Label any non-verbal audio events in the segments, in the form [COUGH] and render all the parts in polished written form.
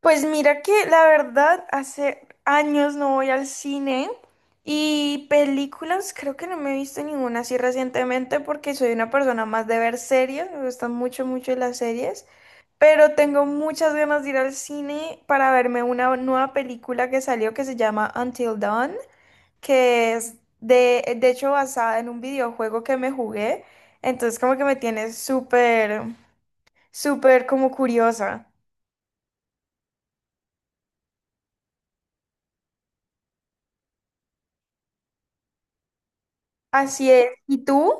Pues mira que la verdad hace años no voy al cine y películas creo que no me he visto ninguna así recientemente porque soy una persona más de ver series, me gustan mucho mucho las series, pero tengo muchas ganas de ir al cine para verme una nueva película que salió que se llama Until Dawn, que es de hecho basada en un videojuego que me jugué, entonces como que me tiene súper, súper como curiosa. Así es. ¿Y tú?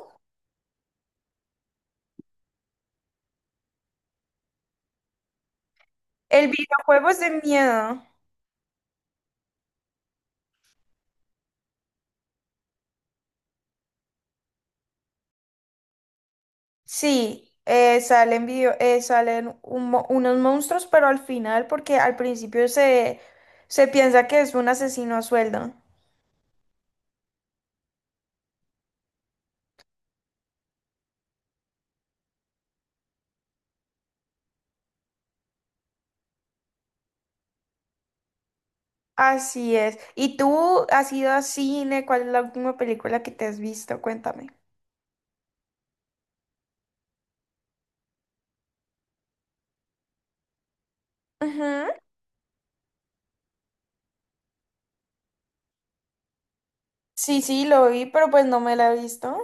El videojuego es de miedo. Sí, salen video, salen unos monstruos, pero al final, porque al principio se piensa que es un asesino a sueldo. Así es. ¿Y tú has ido a cine? ¿Cuál es la última película que te has visto? Cuéntame. Ujú. Sí, sí, lo vi, pero pues no me la he visto.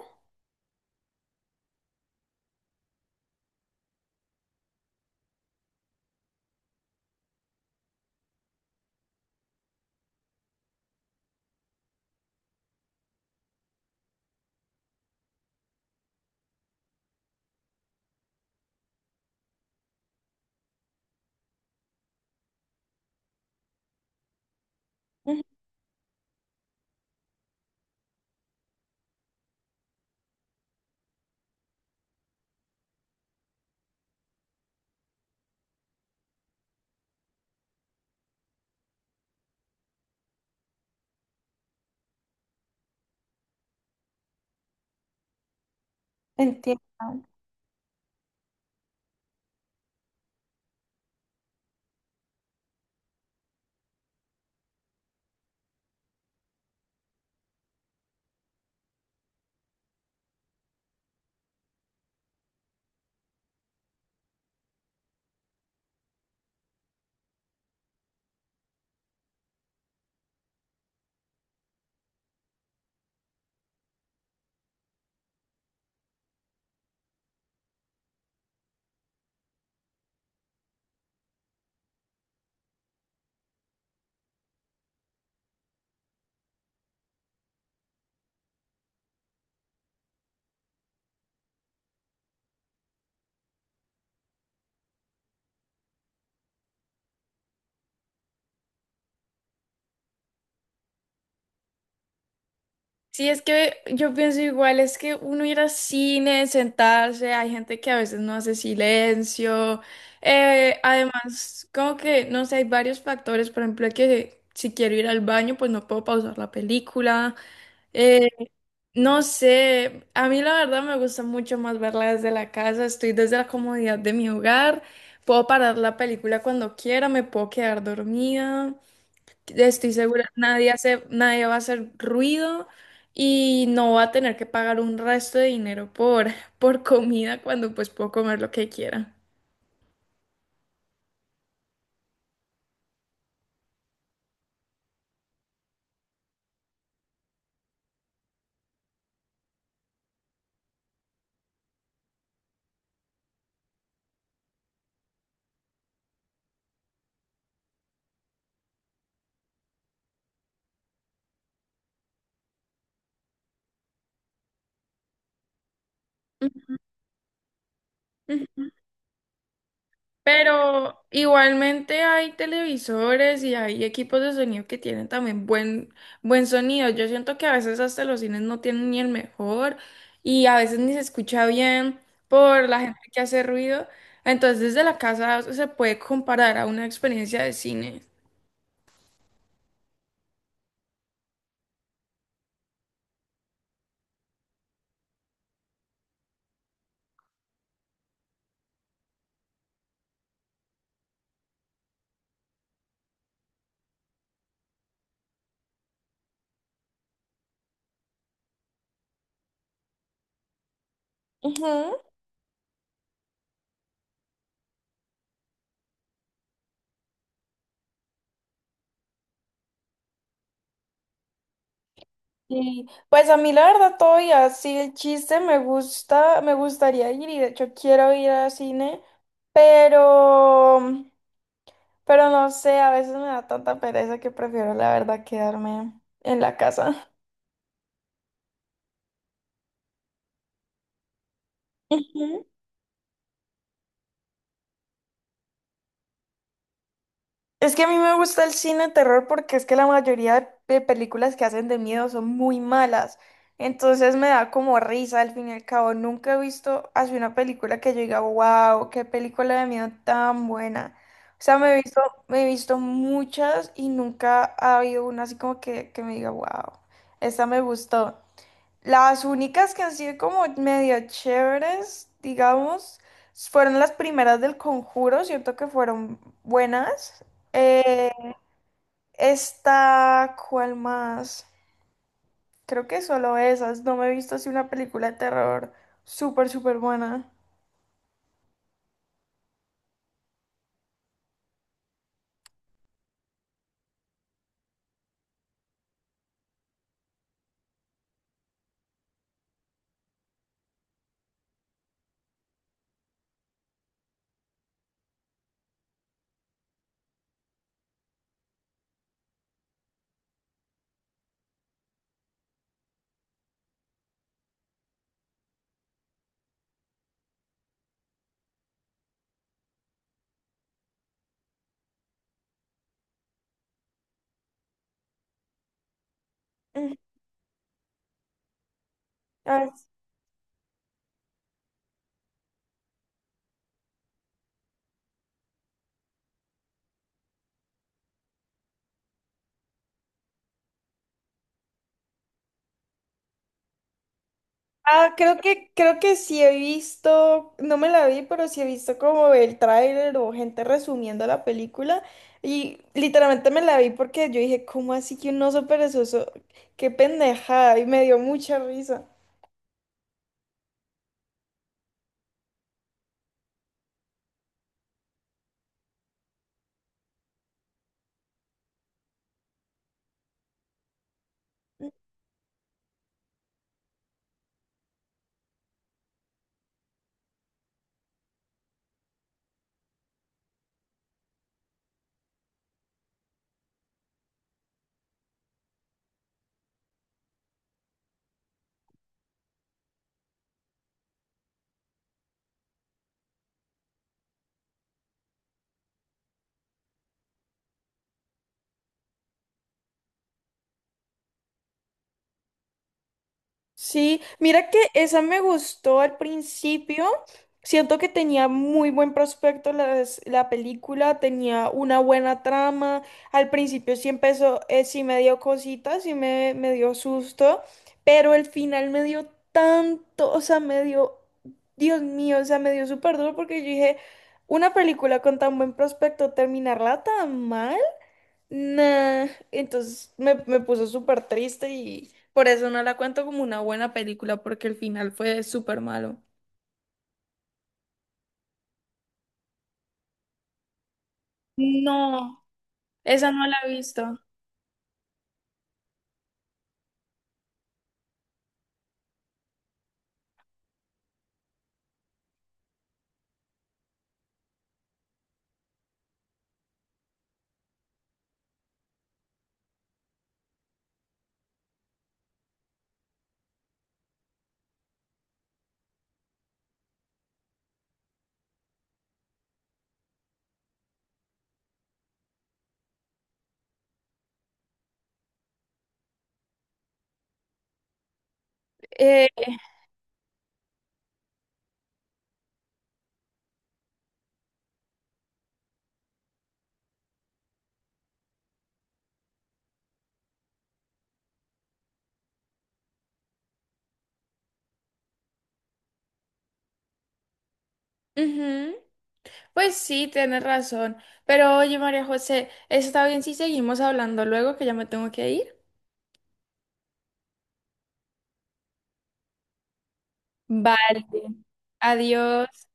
Ujú. Entiendo. Sí, es que yo pienso igual, es que uno ir al cine, sentarse, hay gente que a veces no hace silencio. Además, como que, no sé, hay varios factores, por ejemplo, que si quiero ir al baño, pues no puedo pausar la película. eh, no sé, a mí la verdad me gusta mucho más verla desde la casa, estoy desde la comodidad de mi hogar, puedo parar la película cuando quiera, me puedo quedar dormida. Estoy segura, nadie hace, nadie va a hacer ruido y no va a tener que pagar un resto de dinero por, [LAUGHS] por comida cuando pues puedo comer lo que quiera. Ujú. Pero igualmente hay televisores y hay equipos de sonido que tienen también buen, buen sonido. Yo siento que a veces hasta los cines no tienen ni el mejor y a veces ni se escucha bien por la gente que hace ruido. Entonces desde la casa se puede comparar a una experiencia de cine. Ujú. Y pues a mí la verdad todavía sí el chiste me gusta, me gustaría ir y de hecho quiero ir al cine, pero, pero no sé, a veces me da tanta pereza que prefiero la verdad quedarme en la casa. [LAUGHS] Es que a mí me gusta el cine de terror porque es que la mayoría de películas que hacen de miedo son muy malas. Entonces me da como risa al fin y al cabo. Nunca he visto así una película que yo diga, wow, qué película de miedo tan buena. O sea, me he visto muchas y nunca ha habido una así como que me diga, wow, esta me gustó. Las únicas que han sido como medio chéveres, digamos, fueron las primeras del Conjuro, siento que fueron buenas. Eh, Esta, ¿cuál más? Creo que solo esas, no me he visto así una película de terror súper, súper buena. Mm. Ah, creo que sí he visto, no me la vi, pero sí he visto como el tráiler o gente resumiendo la película. Y literalmente me la vi porque yo dije, ¿cómo así que un oso perezoso? ¡Qué pendejada! Y me dio mucha risa. Sí, mira que esa me gustó al principio. Siento que tenía muy buen prospecto película, tenía una buena trama. Al principio sí empezó, sí me dio cositas, me dio susto, pero el final me dio tanto, o sea, me dio, Dios mío, o sea, me dio súper duro porque yo dije, una película con tan buen prospecto, terminarla tan mal. Nah, entonces me puso súper triste y por eso no la cuento como una buena película, porque el final fue súper malo. No, esa no la he visto. Eh, ujú, Pues sí, tienes razón. Pero oye, María José, ¿está bien si seguimos hablando luego que ya me tengo que ir? Vale. Adiós.